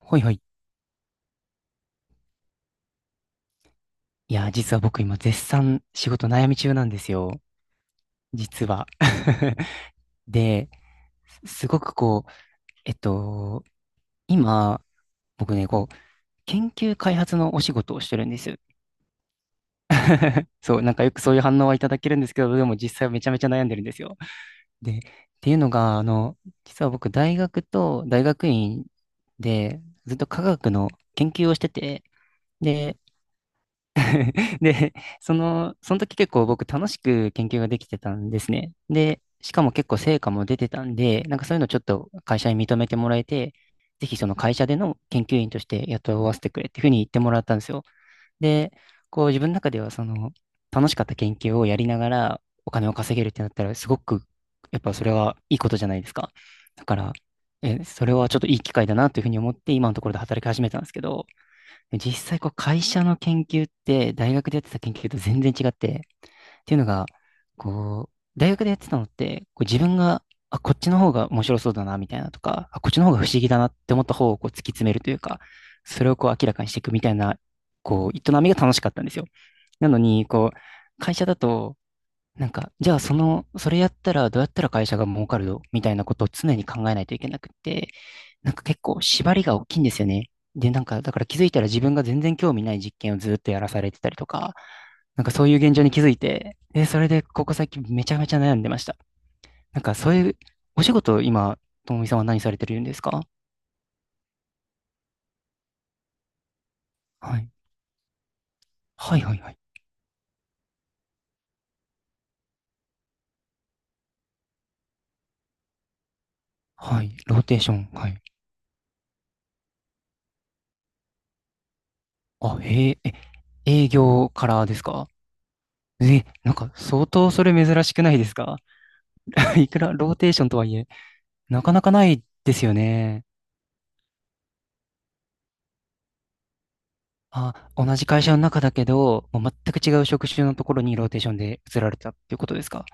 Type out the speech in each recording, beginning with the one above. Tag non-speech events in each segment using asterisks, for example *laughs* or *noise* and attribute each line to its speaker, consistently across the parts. Speaker 1: ほいほい。いや、実は僕今絶賛仕事悩み中なんですよ。実は。*laughs* で、すごくこう、えっと、今、僕ね、研究開発のお仕事をしてるんです。*laughs* そう、なんかよくそういう反応はいただけるんですけど、でも実際はめちゃめちゃ悩んでるんですよ。で、っていうのが、実は僕大学と大学院でずっと科学の研究をしてて、で、で、その時結構僕楽しく研究ができてたんですね。で、しかも結構成果も出てたんで、なんかそういうのちょっと会社に認めてもらえて、ぜひその会社での研究員として雇わせてくれっていうふうに言ってもらったんですよ。で、こう自分の中ではその楽しかった研究をやりながらお金を稼げるってなったらすごくやっぱそれはいいことじゃないですか。だから、え、それはちょっといい機会だなというふうに思って今のところで働き始めたんですけど、実際こう会社の研究って大学でやってた研究と全然違って、っていうのが、こう、大学でやってたのって、こう自分が、あ、こっちの方が面白そうだな、みたいなとか、あ、こっちの方が不思議だなって思った方をこう突き詰めるというか、それをこう明らかにしていくみたいな、こう、営みが楽しかったんですよ。なのに、こう、会社だと、なんか、じゃあその、それやったらどうやったら会社が儲かるのみたいなことを常に考えないといけなくって、なんか結構縛りが大きいんですよね。で、なんか、だから気づいたら自分が全然興味ない実験をずっとやらされてたりとか、なんかそういう現状に気づいて、で、それでここ最近めちゃめちゃ悩んでました。なんかそういう、お仕事、今、ともみさんは何されてるんですか？はい。はいはいはい。はい。ローテーション。はい。あ、へえ、え、営業からですか？え、なんか相当それ珍しくないですか？ *laughs* いくらローテーションとはいえ、なかなかないですよね。あ、同じ会社の中だけど、もう全く違う職種のところにローテーションで移られたっていうことですか？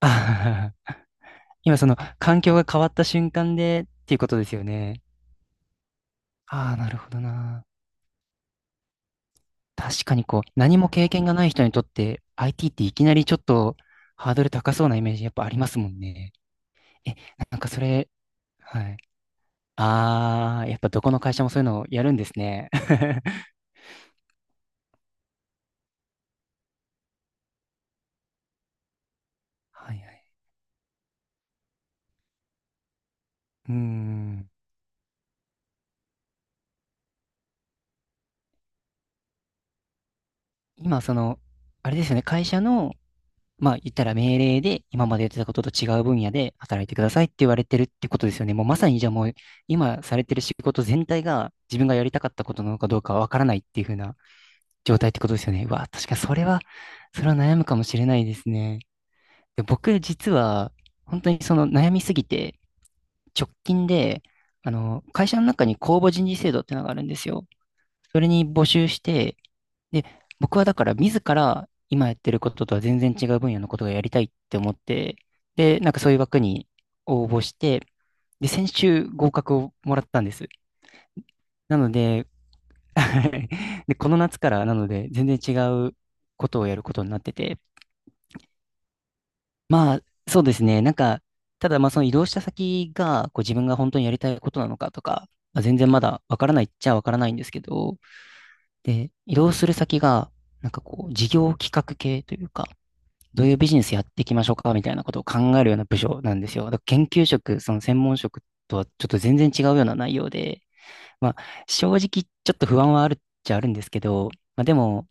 Speaker 1: あ。 *laughs* 今その環境が変わった瞬間でっていうことですよね。ああ、なるほどな。確かにこう、何も経験がない人にとって IT っていきなりちょっとハードル高そうなイメージやっぱありますもんね。え、なんかそれ、はい。ああ、やっぱどこの会社もそういうのをやるんですね。*laughs* はいはい。うーん。今その、あれですよね、会社のまあ言ったら命令で今までやってたことと違う分野で働いてくださいって言われてるってことですよね。もうまさにじゃあもう今されてる仕事全体が自分がやりたかったことなのかどうかわからないっていう風な状態ってことですよね。うわ、確かにそれは、それは悩むかもしれないですね。で僕実は本当にその悩みすぎて直近であの会社の中に公募人事制度ってのがあるんですよ。それに募集してで、僕はだから自ら今やってることとは全然違う分野のことがやりたいって思って、で、なんかそういう枠に応募して、で、先週合格をもらったんです。なので、*laughs* で、この夏からなので全然違うことをやることになってて、まあ、そうですね、なんか、ただまあその移動した先がこう自分が本当にやりたいことなのかとか、まあ、全然まだわからないっちゃわからないんですけど、で、移動する先がなんかこう事業企画系というか、どういうビジネスやっていきましょうかみたいなことを考えるような部署なんですよ。だから研究職、その専門職とはちょっと全然違うような内容で、まあ、正直ちょっと不安はあるっちゃあるんですけど、まあ、でも、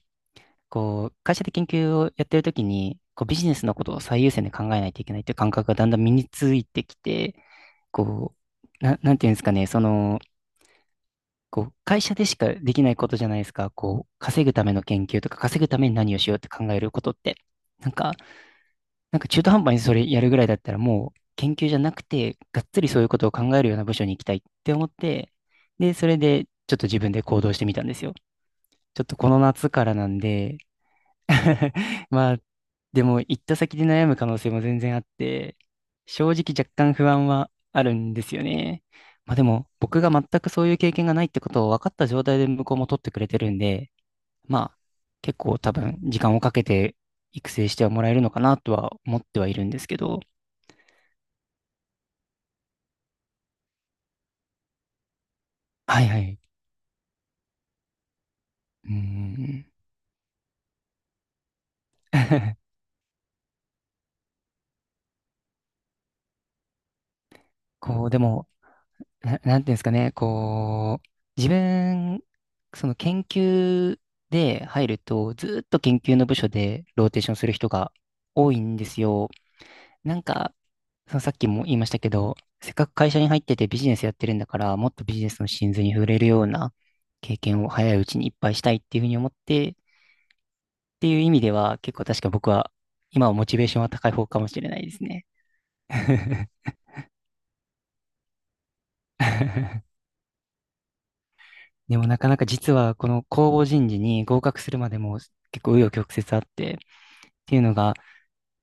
Speaker 1: こう、会社で研究をやってるときに、こう、ビジネスのことを最優先で考えないといけないっていう感覚がだんだん身についてきて、こう、な、なんていうんですかね、その、こう、会社でしかできないことじゃないですか。こう、稼ぐための研究とか、稼ぐために何をしようって考えることって。なんか、なんか中途半端にそれやるぐらいだったらもう研究じゃなくて、がっつりそういうことを考えるような部署に行きたいって思って、で、それでちょっと自分で行動してみたんですよ。ちょっとこの夏からなんで。 *laughs* まあ、でも行った先で悩む可能性も全然あって、正直若干不安はあるんですよね。まあでも僕が全くそういう経験がないってことを分かった状態で向こうも取ってくれてるんで、まあ結構多分時間をかけて育成してはもらえるのかなとは思ってはいるんですけど、はいはい。うん。*laughs* こう、でも、な、なんていうんですかね、こう、自分、その研究で入ると、ずーっと研究の部署でローテーションする人が多いんですよ。なんか、そのさっきも言いましたけど、せっかく会社に入っててビジネスやってるんだから、もっとビジネスの真髄に触れるような経験を早いうちにいっぱいしたいっていうふうに思って、っていう意味では、結構確か僕は、今はモチベーションは高い方かもしれないですね。*laughs* でもなかなか実はこの公募人事に合格するまでも結構紆余曲折あって、っていうのが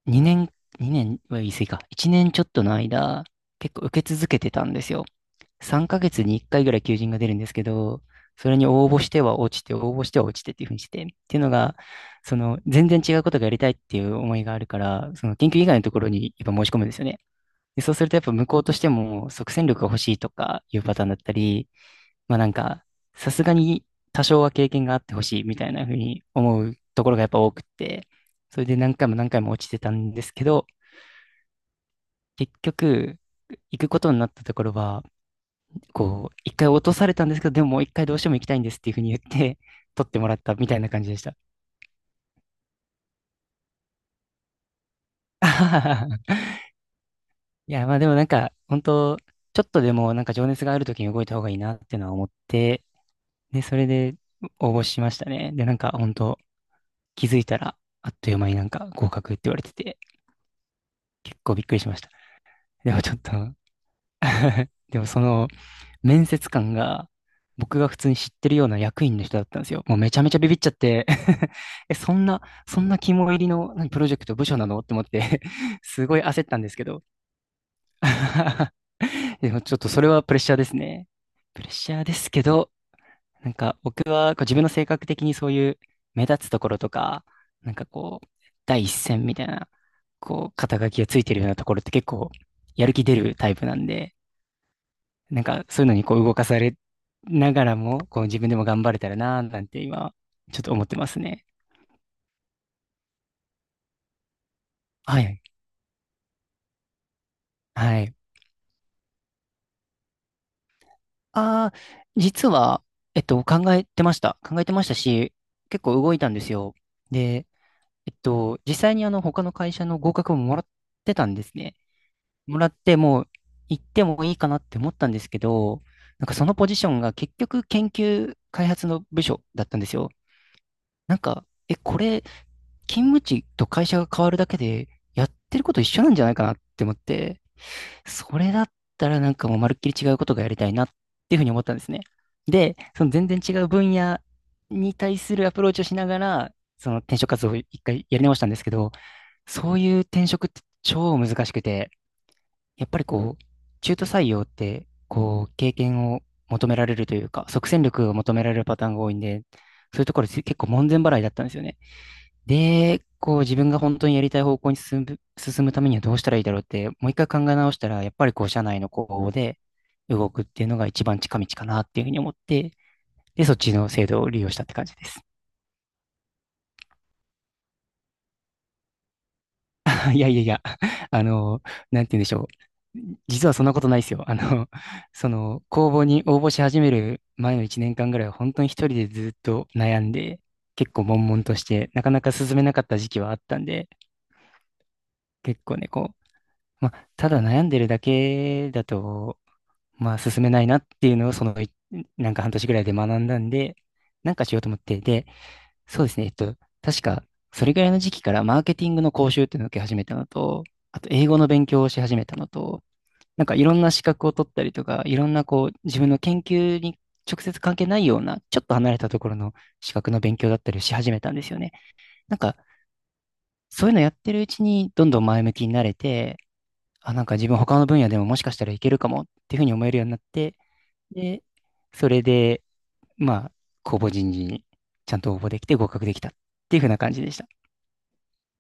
Speaker 1: 2年、2年は言い過ぎか、1年ちょっとの間、結構受け続けてたんですよ。3ヶ月に1回ぐらい求人が出るんですけど、それに応募しては落ちて、応募しては落ちてっていうふうにしてて、っていうのが、その全然違うことがやりたいっていう思いがあるから、その研究以外のところにやっぱ申し込むんですよね。でそうするとやっぱ向こうとしても即戦力が欲しいとかいうパターンだったり、まあなんか、さすがに多少は経験があってほしいみたいなふうに思うところがやっぱ多くて、それで何回も何回も落ちてたんですけど、結局、行くことになったところは、こう、一回落とされたんですけど、でももう一回どうしても行きたいんですっていうふうに言って、取ってもらったみたいな感じでした。*laughs* いや、まあでもなんか、本当ちょっとでもなんか情熱がある時に動いた方がいいなっていうのは思って、で、それで応募しましたね。で、なんか本当気づいたら、あっという間になんか合格って言われてて、結構びっくりしました。でもちょっと *laughs* でもその面接官が僕が普通に知ってるような役員の人だったんですよ。もうめちゃめちゃビビっちゃって *laughs* え、そんな、そんな肝入りの何プロジェクト部署なのって思って *laughs* すごい焦ったんですけど *laughs* でもちょっとそれはプレッシャーですね。プレッシャーですけど、なんか僕はこう自分の性格的にそういう目立つところとか、なんかこう、第一線みたいな、こう、肩書きがついてるようなところって結構やる気出るタイプなんで、なんかそういうのにこう動かされながらも、こう自分でも頑張れたらなーなんて今、ちょっと思ってますね。はい。はい。ああ、実は、考えてました。考えてましたし、結構動いたんですよ。で、実際に他の会社の合格ももらってたんですね。もらって、もう行ってもいいかなって思ったんですけど、なんかそのポジションが結局研究開発の部署だったんですよ。なんか、え、これ、勤務地と会社が変わるだけで、やってること一緒なんじゃないかなって思って、それだったらなんかもうまるっきり違うことがやりたいなっていうふうに思ったんですね。で、その全然違う分野に対するアプローチをしながら、その転職活動を一回やり直したんですけど、そういう転職って超難しくて、やっぱりこう、中途採用って、こう、経験を求められるというか、即戦力が求められるパターンが多いんで、そういうところ結構門前払いだったんですよね。で、こう、自分が本当にやりたい方向に進むためにはどうしたらいいだろうって、もう一回考え直したら、やっぱりこう、社内の公募で動くっていうのが一番近道かなっていうふうに思って、で、そっちの制度を利用したって感じです。いやいやいや、あの、なんて言うんでしょう。実はそんなことないですよ。公募に応募し始める前の1年間ぐらいは本当に一人でずっと悩んで、結構悶々として、なかなか進めなかった時期はあったんで、結構ね、こう、まあ、ただ悩んでるだけだと、まあ、進めないなっていうのを、なんか半年ぐらいで学んだんで、なんかしようと思って、で、そうですね。確か、それぐらいの時期からマーケティングの講習っていうのを受け始めたのと、あと英語の勉強をし始めたのと、なんかいろんな資格を取ったりとか、いろんなこう、自分の研究に直接関係ないような、ちょっと離れたところの資格の勉強だったりをし始めたんですよね。なんか、そういうのやってるうちに、どんどん前向きになれて、あ、なんか自分他の分野でももしかしたらいけるかもっていうふうに思えるようになって、で、それで、まあ、公募人事にちゃんと応募できて合格できたっていうふうな感じでした。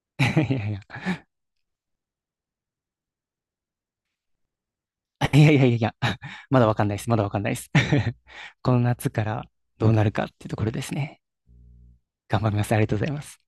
Speaker 1: *laughs* いやいや、いや *laughs* いやいやいや、*laughs* まだわかんないです。まだわかんないです。*laughs* この夏からどうなるかっていうところですね。頑張ります。ありがとうございます。